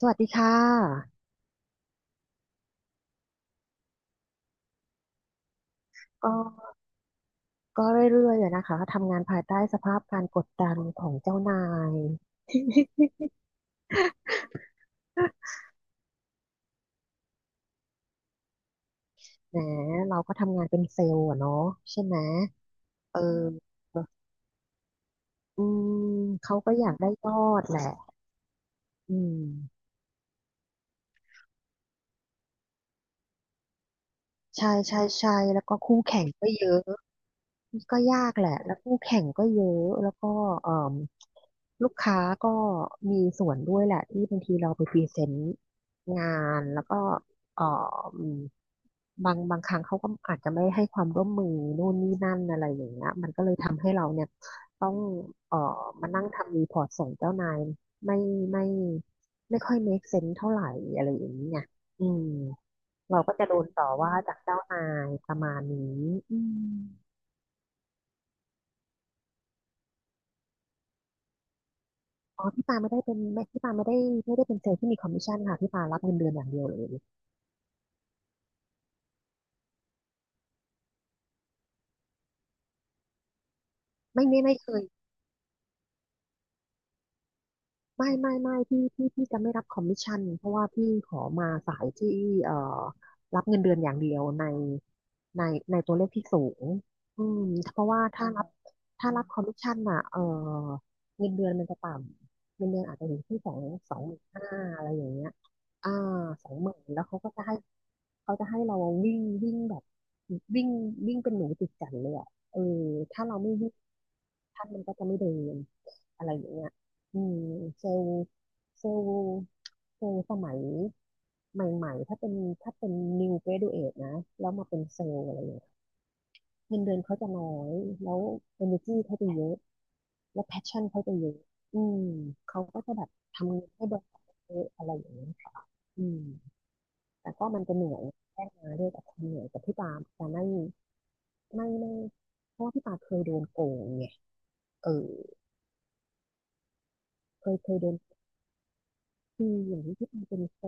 สวัสดีค่ะ ก็ก็เรื่อยๆอะนะคะทำงานภายใต้สภาพการกดดันของเจ้านาย แหมเราก็ทำงานเป็นเซลล์อะเนาะใช่ไหม เออ อืมเขาก็อยากได้ยอดแหละอืม ใช่ใช่ใช่แล้วก็คู่แข่งก็เยอะก็ยากแหละแล้วคู่แข่งก็เยอะแล้วก็เอ่มลูกค้าก็มีส่วนด้วยแหละที่บางทีเราไปพรีเซนต์งานแล้วก็เอ่มบางครั้งเขาก็อาจจะไม่ให้ความร่วมมือนู่นนี่นั่นอะไรอย่างเงี้ยมันก็เลยทำให้เราเนี่ยต้องเอ่อมานั่งทำรีพอร์ตส่งเจ้านายไม่ไม่ไม่ค่อย make sense เท่าไหร่อะไรอย่างเงี้ยอืม เราก็จะโดนต่อว่าจากเจ้านายประมาณนี้อืมอ๋อ พี่ปาไม่ได้เป็นไม่พี่ปาไม่ได้เป็นเซลล์ที่มีคอมมิชชั่นค่ะพี่ปารับเงินเดือนอย่างเดียวเลยไม่ไม่ไม่เคย ไม่ไม่ไม่พี่จะไม่รับคอมมิชชั่นเพราะว่าพี่ขอมาสายที่เอ่อรับเงินเดือนอย่างเดียวในในตัวเลขที่สูงอืมเพราะว่าถ้ารับคอมมิชชั่นอ่ะเออเงินเดือนมันจะต่ำเงินเดือนอาจจะอยู่ที่25,000อะไรอย่างเงี้ยอ่าสองหมื่นแล้วเขาก็จะให้เขาจะให้เราวิ่งวิ่งแบบวิ่งวิ่งเป็นหนูติดกันเลยอ่ะเออถ้าเราไม่วิ่งท่านมันก็จะไม่เดินอะไรอย่างเงี้ย อืมเซลล์เซลล์เซลล์สมัยใหม่ๆถ้าเป็น new graduate นะแล้วมาเป็นเซลล์อะไรอย่างเงี้ยเงินเดือนเขาจะน้อยแล้ว energy เขาจะเยอะแล้ว passion เขาจะเยอะอืมเขาก็จะแบบทำงานให้บริษัทเยอะอะไรอย่างเงี้ยค่ะอืมแต่ก็มันจะเหนื่อยแรกมาด้วยกับความเหนื่อยกับพี่ปาแต่ไม่ไม่ไม่เพราะว่าพี่ปาเคยโดนโกงไงเออเคยโดนคืออย่างที่พี่ปาเป็นโซ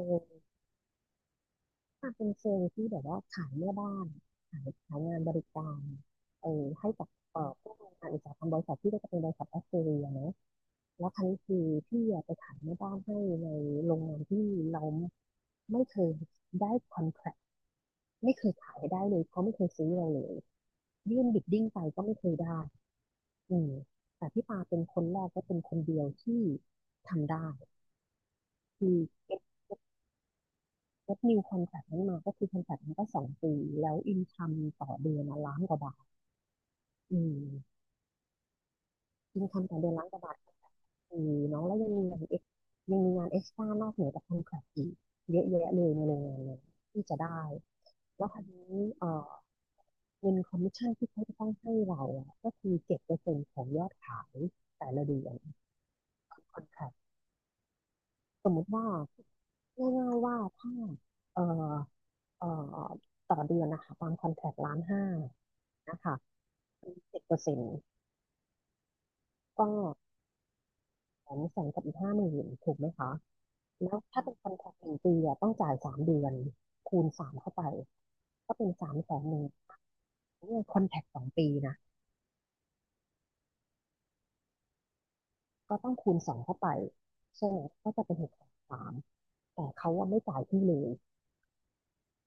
ถ้าเป็นเชิงที่แบบว่าขายแม่บ้านขายงานบริการเออให้กับพวกโรงงานอุตสาหกรรมบริษัทที่ก็จะเป็นบริษัทออสเตรเลียเนะแล้วครั้นี้คือพี่อะไปขายแม่บ้านให้ในโรงงานที่เราไม่เคยได้คอนแทคไม่เคยขายได้เลยเขาไม่เคยซื้อเราเลยยื่นบิดดิ้งไปก็ไม่เคยได้อืมแต่พี่ปาเป็นคนแรกและเป็นคนเดียวที่ทำได้คือแก รับนิวคอนแทคนั้นมาก็คือคอนแทคมันก็สองปีแล้วอินคัมต่อเดือนะล้านกว่าบาทอืมอินคัมต่อเดือนล้านกว่าบาทอืมเนาะแล้วยังมีงานเอ็กซ์ตร้านอกเหนือจากคอนแทคอีกเยอะแยะเลยในโรงงานเลยที่จะได้แล้วคราวนี้เงินคอมมิชชั่นที่เขาจะต้องให้เราอะก็คือ7%ของยอดขายแต่ละเดือนคอนแทคสมมติว่าง่ายๆว่าถ้าเอ่อเอ่อต่อเดือนนะคะตามคอนแทค1,500,000นะคะ 10%ก็200,000กับอีก50,000ถูกไหมคะแล้วถ้าเป็นคอนแทค1 ปีอะต้องจ่าย3 เดือนคูณสามเข้าไปก็เป็น310,000เนี่ยคอนแทคสองปีนะก็ต้องคูณสองเข้าไปใช่ไหมก็จะเป็น630,000แต่เขาว่าไม่จ่ายที่เลย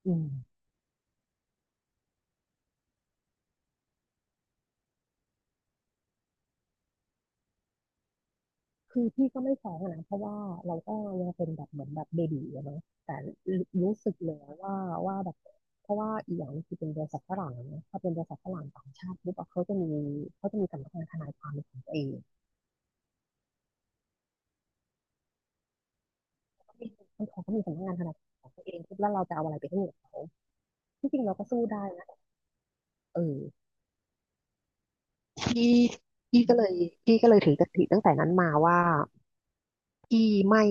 อืม คือพี่ก็ไม่ท้องอะนะเพราะว่าเราก็ยังเป็นแบบเหมือนแบบเบบี๋อะเนาะแต่รู้สึกเลยว่าว่าแบบเพราะว่าอีกอย่างคือเป็นบริษัทฝรั่งนะถ้าเป็นบริษัทฝรั่งต่างชาติปุ๊บอะเขาจะมีสำนักงานทนายความเป็นของตัวเองเขามีสำนักงานทนายความของตัวเองปุ๊บแล้วเราจะเอาอะไรไปให้กับเขาที่จริงเราก็สู้ได้นะเออพี่พี่ก็เลยพี่ก็เลยถือกติตั้งแต่นั้นมาว่าพี่ไม่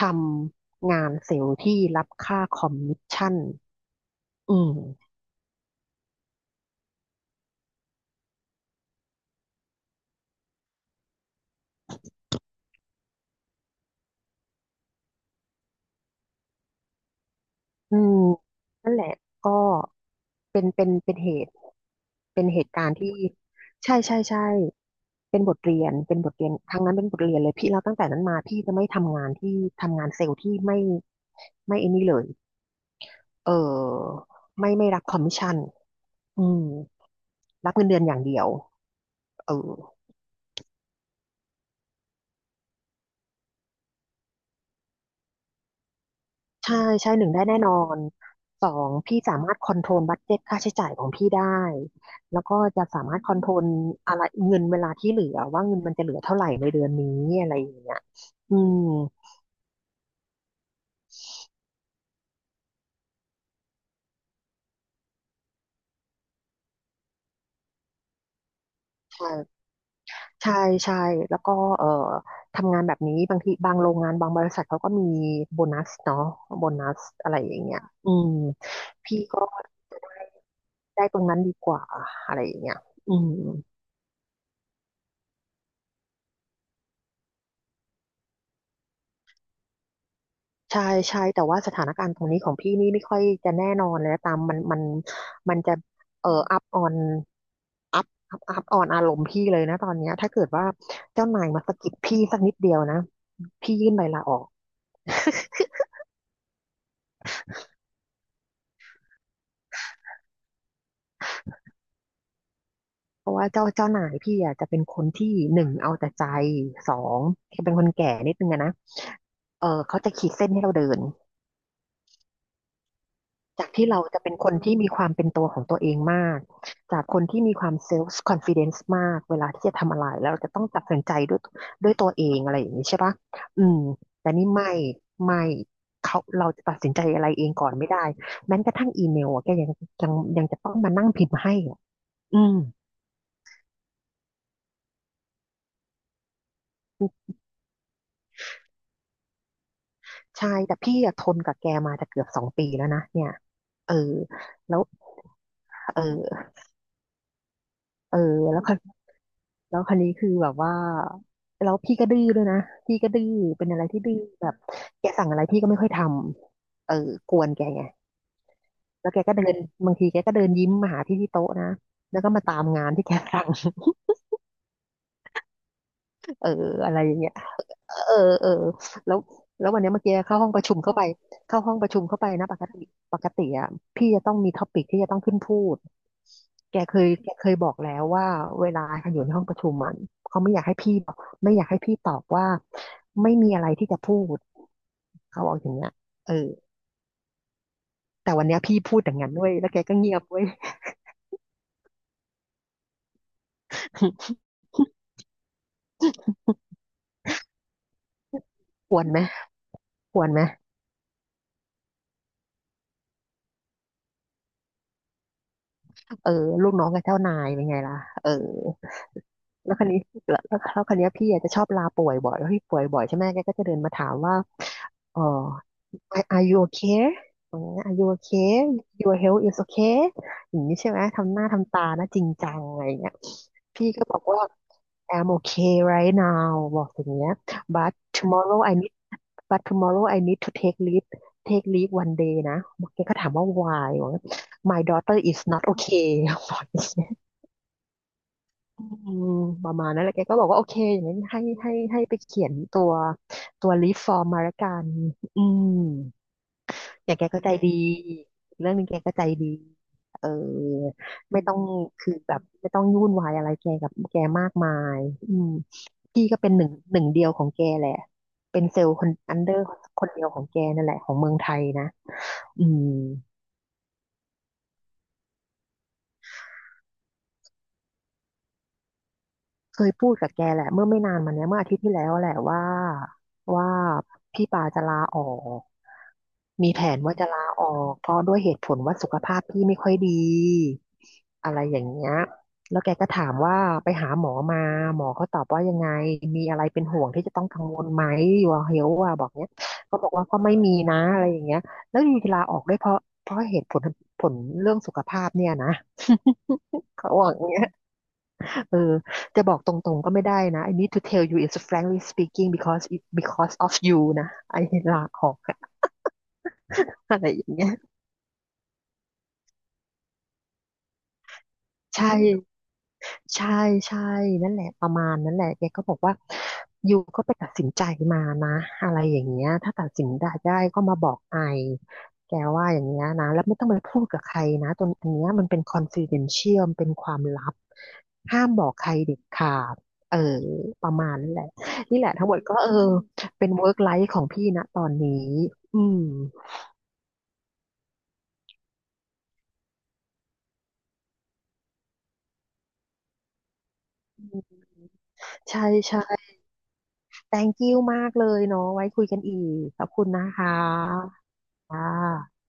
ทำงานเซลล์ที่รับค่าคอมมิชชั่นอืม อืมนั่นแหละก็เป็นเหตุเป็นเหตุการณ์ที่ใช่ใช่ใช่เป็นบทเรียนครั้งนั้นเป็นบทเรียนเลยพี่แล้วตั้งแต่นั้นมาพี่จะไม่ทำงานที่ทำงานเซลล์ที่ไม่ไอ้นี่เลยเออไม่รับคอมมิชชั่นอืมรับเงินเดือนอย่างเดียวเออ ใช่ใช่หนึ่งได้แน่นอนสองพี่สามารถคอนโทรลบัดเจ็ตค่าใช้จ่ายของพี่ได้แล้วก็จะสามารถคอนโทรลอะไรเงินเวลาที่เหลือว่าเงินมันจะเหลือเท่าไหร่ในเดือนนี้อะไรอย่างเงี้ยอืมใช่ใช่ใช่แล้วก็เอ่อทำงานแบบนี้บางทีบางโรงงานบางบริษัทเขาก็มีโบนัสเนาะโบนัสอะไรอย่างเงี้ยอืมพี่ก็ได้ตรงนั้นดีกว่าอะไรอย่างเงี้ยอืม ใช่ใช่แต่ว่าสถานการณ์ตรงนี้ของพี่นี่ไม่ค่อยจะแน่นอนเลยนะตามมันมันจะอัพออนอัพออนอารมณ์พี่เลยนะตอนเนี้ยถ้าเกิดว่าเจ้านายมาสะกิดพี่สักนิดเดียวนะพี่ยื่นใบลาออก เพราะว่าเจ้านายพี่อ่ะจะเป็นคนที่หนึ่งเอาแต่ใจสองแกเป็นคนแก่นิดนึงอะนะเออเขาจะขีดเส้นให้เราเดิน จากที่เราจะเป็นคนที่มีความเป็นตัวของตัวเองมากจากคนที่มีความเซลฟ์คอนฟ idence มากเวลาที่จะทำอะไรแล้วเราจะต้องตัดสินใจด้วยตัวเองอะไรอย่างนี้ใช่ปะอืมแต่นี่ไม่ไม่เขาเราจะตัดสินใจอะไรเองก่อนไม่ได้แม้กระทั่งอีเมลอะแกยังยังจะต้องมานั่งพิมพ์ให้อะอืมใช่แต่พี่อะทนกับแกมาจะเกือบสองปีแล้วนะเนี่ยเออแล้วเออเออแล้ว แล้วคันนี้คือแบบว่าแล้วพี่ก็ดื้อด้วยนะพี่ก็ดื้อเป็นอะไรที่ดื้อแบบแกสั่งอะไรพี่ก็ไม่ค่อยทำเออกวนแกไงแล้วแกก็เดินบางทีแกก็เดินยิ้มมาหาพี่ที่โต๊ะนะแล้วก็มาตามงานที่แกสั่ง เอออะไรอย่างเงี้ย เออเออแล้วแล้ววันเนี้ยเมื่อกี้เข้าห้องประชุมเข้าไปเข้าห้องประชุมเข้าไปนะปกติปกติอ่ะพี่จะต้องมีท็อปิกที่จะต้องขึ้นพูดแกเคยบอกแล้วว่าเวลาอยู่ในห้องประชุมมันเขาไม่อยากให้พี่บอกไม่อยากให้พี่ตอบว่าไม่มีอะไรที่จะพูดเขาบอกอย่างเงี้ยเออแต่วันเนี้ยพี่พูดอย่างนั้นด้วยแล้วแกก็เงียบเว้ย ควรไหมควรไหมเออลูกน้องกับเจ้านายเป็นไงล่ะเออ แล้วคันนี้แล้วแล้วคันนี้ยพี่อาจจะชอบลาป่วยบ่อยแล้วพี่ป่วยบ่อยใช่ไหมแกก็จะเดินมาถามว่าเออ are you okay อย่างเงี้ย are you okay your health is okay อย่างนี้ใช่ไหมทำหน้าทำตานะจริงจังอะไรอย่างเงี้ยพี่ก็บอกว่า I'm okay right now บอกอย่างเงี้ย but tomorrow I need but tomorrow I need to take leave take leave one day นะแกก็ถามว่า why บอกว่า my daughter is not okay บอก อืมประมาณนั้นแหละแกก็บอกว่าโอเคอย่างนั้นให้ไปเขียนตัวรีฟอร์มมาละกันอืมอย่างแกก็ใจดีเรื่องนึงแกก็ใจดีเออไม่ต้องคือแบบไม่ต้องยุ่นวายอะไรแกกับแกมากมายอืมพี่ก็เป็นหนึ่งเดียวของแกแหละ เป็นเซลล์คนอันเดอร์คนเดียวของแกนั่นแหละของเมืองไทยนะอืม เคยพูดกับแกแหละเมื่อไม่นานมาเนี้ยเมื่ออาทิตย์ที่แล้วแหละว่าว่าพี่ปาจะลาออกมีแผนว่าจะลาออกเพราะด้วยเหตุผลว่าสุขภาพพี่ไม่ค่อยดีอะไรอย่างเงี้ยแล้วแกก็ถามว่าไปหาหมอมาหมอเขาตอบว่ายังไงมีอะไรเป็นห่วงที่จะต้องกังวลไหมอยู่เฮลว่าบอกเนี้ยก็บอกว่าก็ไม่มีนะอะไรอย่างเงี้ยแล้วอยู่จะลาออกด้วยเพราะเหตุผลผลเรื่องสุขภาพเนี่ยนะ เขาบอกอย่างเงี้ย เออจะบอกตรงๆก็ไม่ได้นะ I need to tell you is t frankly speaking because of you นะไอ้ลาออกออะไรอย่างเงี้ยใช่ ใช่ใช่นั่นแหละประมาณนั้นแหละแกก็บอกว่ายูก็ไปตัดสินใจมานะอะไรอย่างเงี้ยถ้าตัดสินได้ก็มาบอกไอแกว่าอย่างเงี้ยนะแล้วไม่ต้องไปพูดกับใครนะตอนอันเนี้ยมันเป็น confidential มันเป็นความลับห้ามบอกใครเด็ดขาดเออประมาณนั้นแหละนี่แหละทั้งหมดก็เออเป็น work life ของพี่นะตอนนี้อืมใช่ใช่ thank you มากเลยเนาะไว้คุยกันอีกขอบคุณนะคะค่ะ